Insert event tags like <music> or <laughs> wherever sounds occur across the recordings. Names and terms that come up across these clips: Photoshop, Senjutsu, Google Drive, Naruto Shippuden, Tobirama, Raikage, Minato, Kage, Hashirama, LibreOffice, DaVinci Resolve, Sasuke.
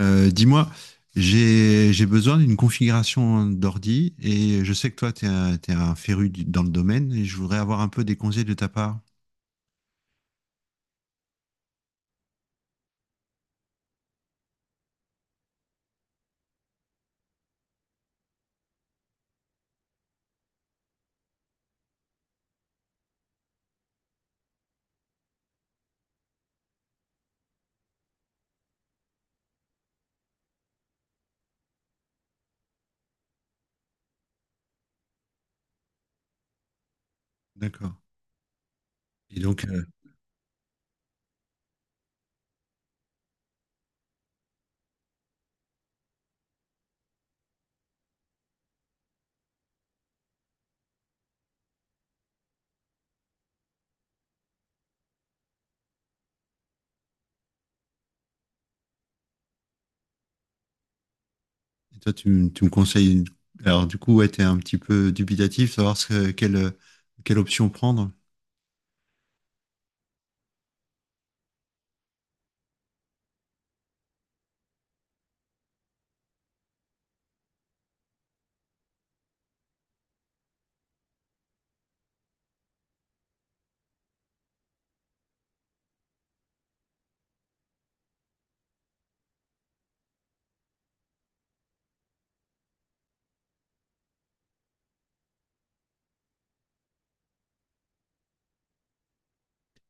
Dis-moi, j'ai besoin d'une configuration d'ordi et je sais que toi, tu es un, t'es un féru du- dans le domaine et je voudrais avoir un peu des conseils de ta part. D'accord. Et donc, et toi, tu me conseilles. Alors, du coup, ouais, tu es un petit peu dubitatif, savoir ce que- quelle, quelle option prendre.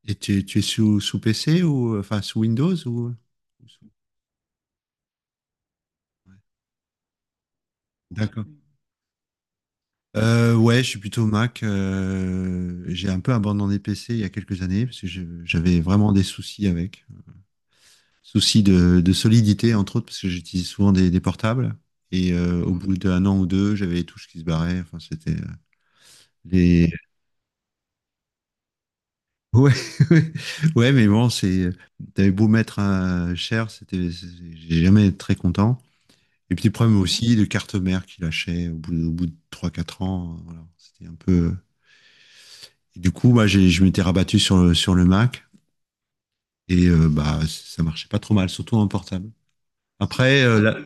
Et tu es sous PC ou enfin sous Windows ou. Ouais. D'accord. Ouais, je suis plutôt Mac. J'ai un peu abandonné PC il y a quelques années parce que je- j'avais vraiment des soucis avec. Soucis de solidité, entre autres, parce que j'utilise souvent des portables. Et au bout d'un an ou deux, j'avais les touches qui se barraient. Enfin, c'était les. Ouais, <laughs> ouais, mais bon, c'est. T'avais beau mettre un cher, c'était. C'est- J'ai jamais été très content. Et puis, problème aussi de carte mère qui lâchait au bout de trois quatre ans. Voilà, c'était un peu. Et du coup, moi, j'ai- je m'étais rabattu sur le Mac et bah, ça marchait pas trop mal, surtout en portable. Après, là,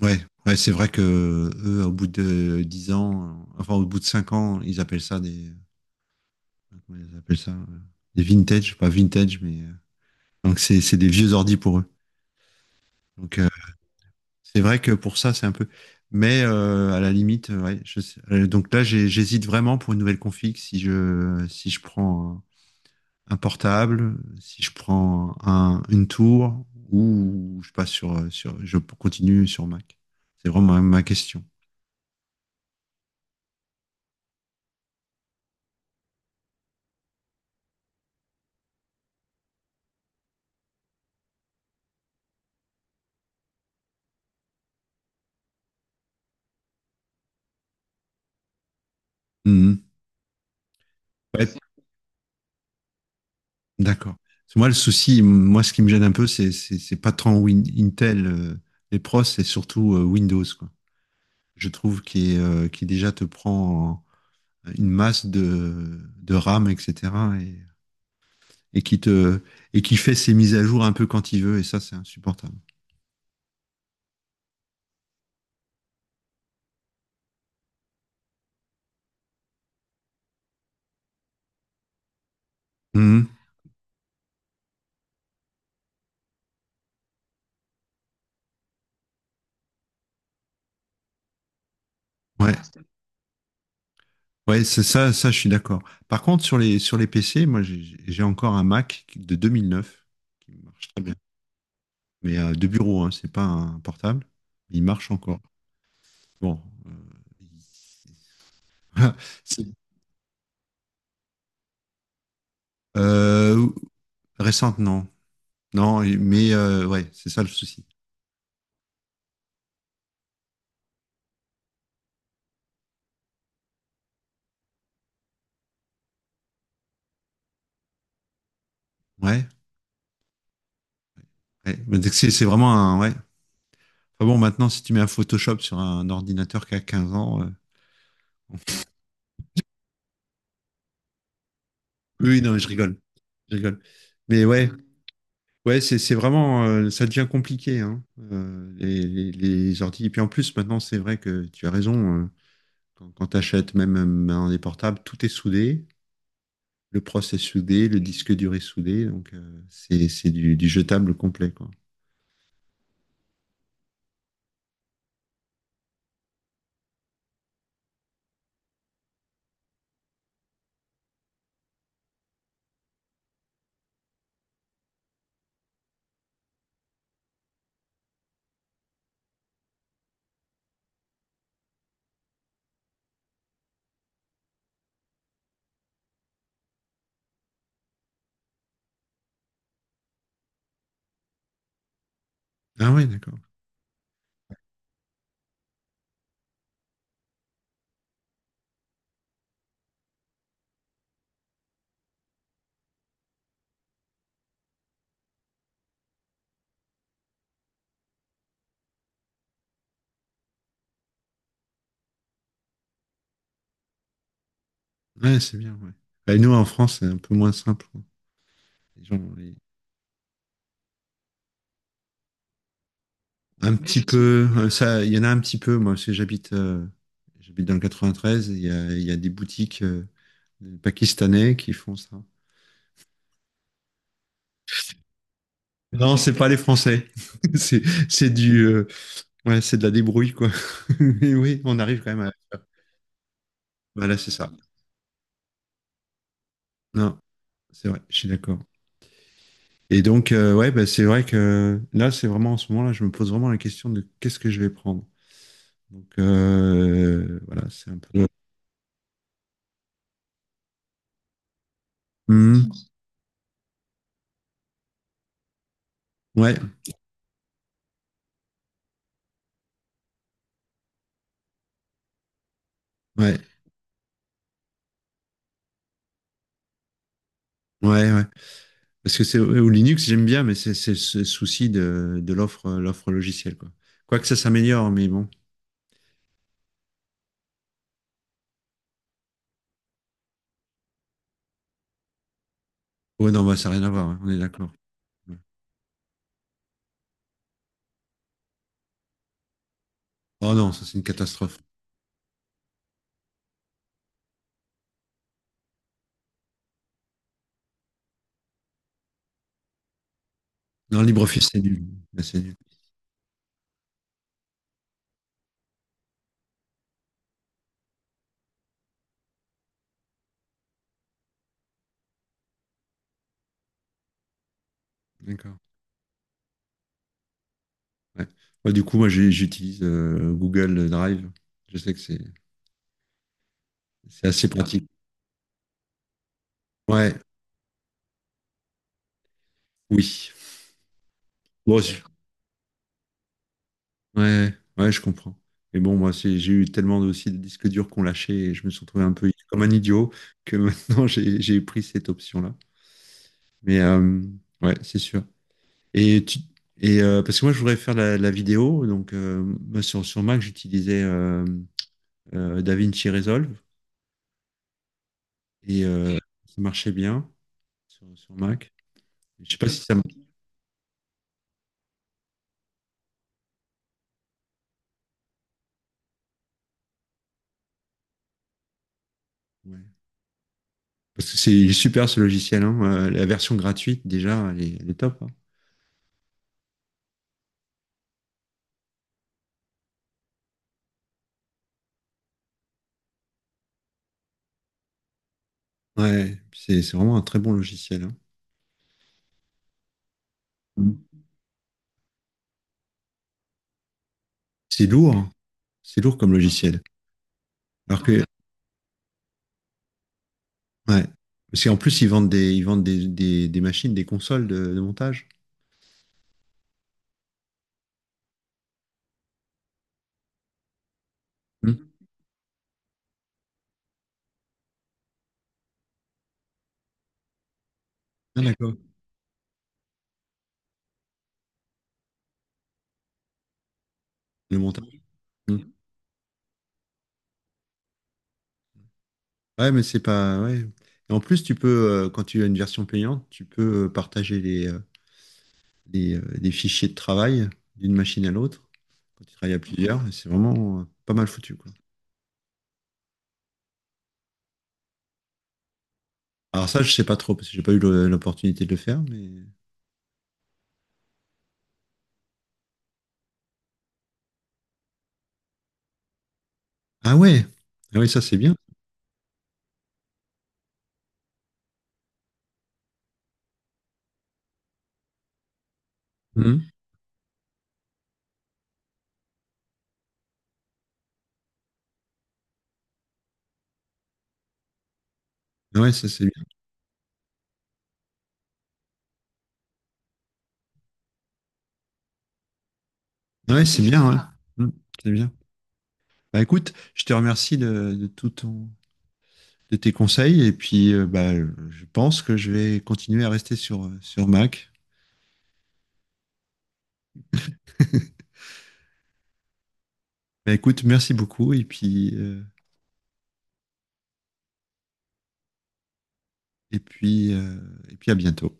ouais, ouais, c'est vrai que eux, au bout de 10 ans, enfin, au bout de 5 ans, ils appellent ça des, comment ils appellent ça, des vintage, pas vintage, mais donc c'est des vieux ordi pour eux. Donc, c'est vrai que pour ça, c'est un peu, mais à la limite, ouais, je sais- donc là, j'ai- j'hésite vraiment pour une nouvelle config si je, si je prends un portable, si je prends un, une tour ou je passe sur, sur, je continue sur Mac. C'est vraiment ma, ma question. Mhm. Ouais, d'accord. Parce que moi, le souci, moi, ce qui me gêne un peu, c'est c'est pas tant Win- Intel, les pros, c'est surtout Windows, quoi. Je trouve qu'il est, qu'il déjà te prend en- une masse de RAM, etc. et qui te et qui fait ses mises à jour un peu quand il veut et ça c'est insupportable. Mhm. Ouais, ouais, c'est ça, ça je suis d'accord. Par contre sur les PC, moi j'ai encore un Mac de 2009 qui marche très bien, mais de bureau, hein, c'est pas un portable, il marche encore. Bon, voilà. <laughs> C'est- euh, récente non, non, mais ouais, c'est ça le souci. Ouais, ouais. Mais c'est vraiment un ouais. Enfin bon, maintenant si tu mets un Photoshop sur un ordinateur qui a 15 ans. Oui, oui, non, mais je rigole. Je rigole. Mais ouais, ouais, c'est vraiment, ça devient compliqué, hein, les ordi. Et puis en plus, maintenant, c'est vrai que tu as raison. Quand quand tu achètes même maintenant des portables, tout est soudé. Le processeur est soudé, le disque dur est soudé. Donc, c'est du jetable complet, quoi. Ah ouais, d'accord. Ouais, c'est bien, ouais. Bah, nous, en France, c'est un peu moins simple, quoi. Les gens, les- Un petit peu, ça, il y en a un petit peu, moi, parce que j'habite j'habite dans le 93, il y a des boutiques. Les Pakistanais qui font ça. Non, c'est pas les Français. <laughs> c'est c'est du ouais, c'est de la débrouille quoi. <laughs> Mais oui, on arrive quand même à voilà, c'est ça. Non, c'est vrai, je suis d'accord. Et donc ouais, bah, c'est vrai que là, c'est vraiment en ce moment là, je me pose vraiment la question de qu'est-ce que je vais prendre. Donc voilà, c'est un peu mhm. Ouais, ouais. Ouais, ouais. Parce que c'est au Linux, j'aime bien, mais c'est ce souci de l'offre l'offre logicielle quoi. Quoique ça s'améliore, mais bon. Ouais, non, bah, ça n'a rien à voir, hein, on est d'accord. Oh non, ça c'est une catastrophe. Non, LibreOffice, c'est nul. Là, c'est nul. D'accord. Ouais. Ouais, du coup, moi, j'ai- j'utilise Google Drive. Je sais que c'est assez Ah, pratique. Ouais, oui. Bon, je- ouais, ouais, je comprends. Mais bon, moi, c'est- j'ai eu tellement de- aussi de disques durs qu'on lâchait et je me suis retrouvé un peu comme un idiot que maintenant, <laughs> j'ai pris cette option-là. Mais ouais, c'est sûr. Et, tu- et parce que moi, je voudrais faire la vidéo. Donc, moi, sur, sur Mac, j'utilisais DaVinci Resolve. Et ça marchait bien sur, sur Mac. Je sais pas si ça. Ouais. Parce que c'est super ce logiciel, hein. La version gratuite, déjà, elle est top, hein. Ouais, puis c'est vraiment un très bon logiciel, hein. Mm. C'est lourd, hein. C'est lourd comme logiciel. Alors que, ouais. Parce qu'en plus, ils vendent des machines, des consoles de montage. Hmm. Ah, d'accord. Le montage. Hmm. Ouais, mais c'est pas. Ouais. Et en plus, tu peux, quand tu as une version payante, tu peux partager les fichiers de travail d'une machine à l'autre. Quand tu travailles à plusieurs, et c'est vraiment pas mal foutu, quoi. Alors ça, je sais pas trop, parce que j'ai pas eu le- l'opportunité de le faire, mais... Ah ouais! Ah ouais, ça c'est bien. Mhm. Ah ouais, ça c'est bien. Ah ouais, c'est bien, ouais. Mhm, c'est bien. Bah écoute, je te remercie de tout ton, de tes conseils, et puis bah, je pense que je vais continuer à rester sur, sur Mac. <laughs> Bah écoute, merci beaucoup, et puis, et puis, euh, et puis à bientôt.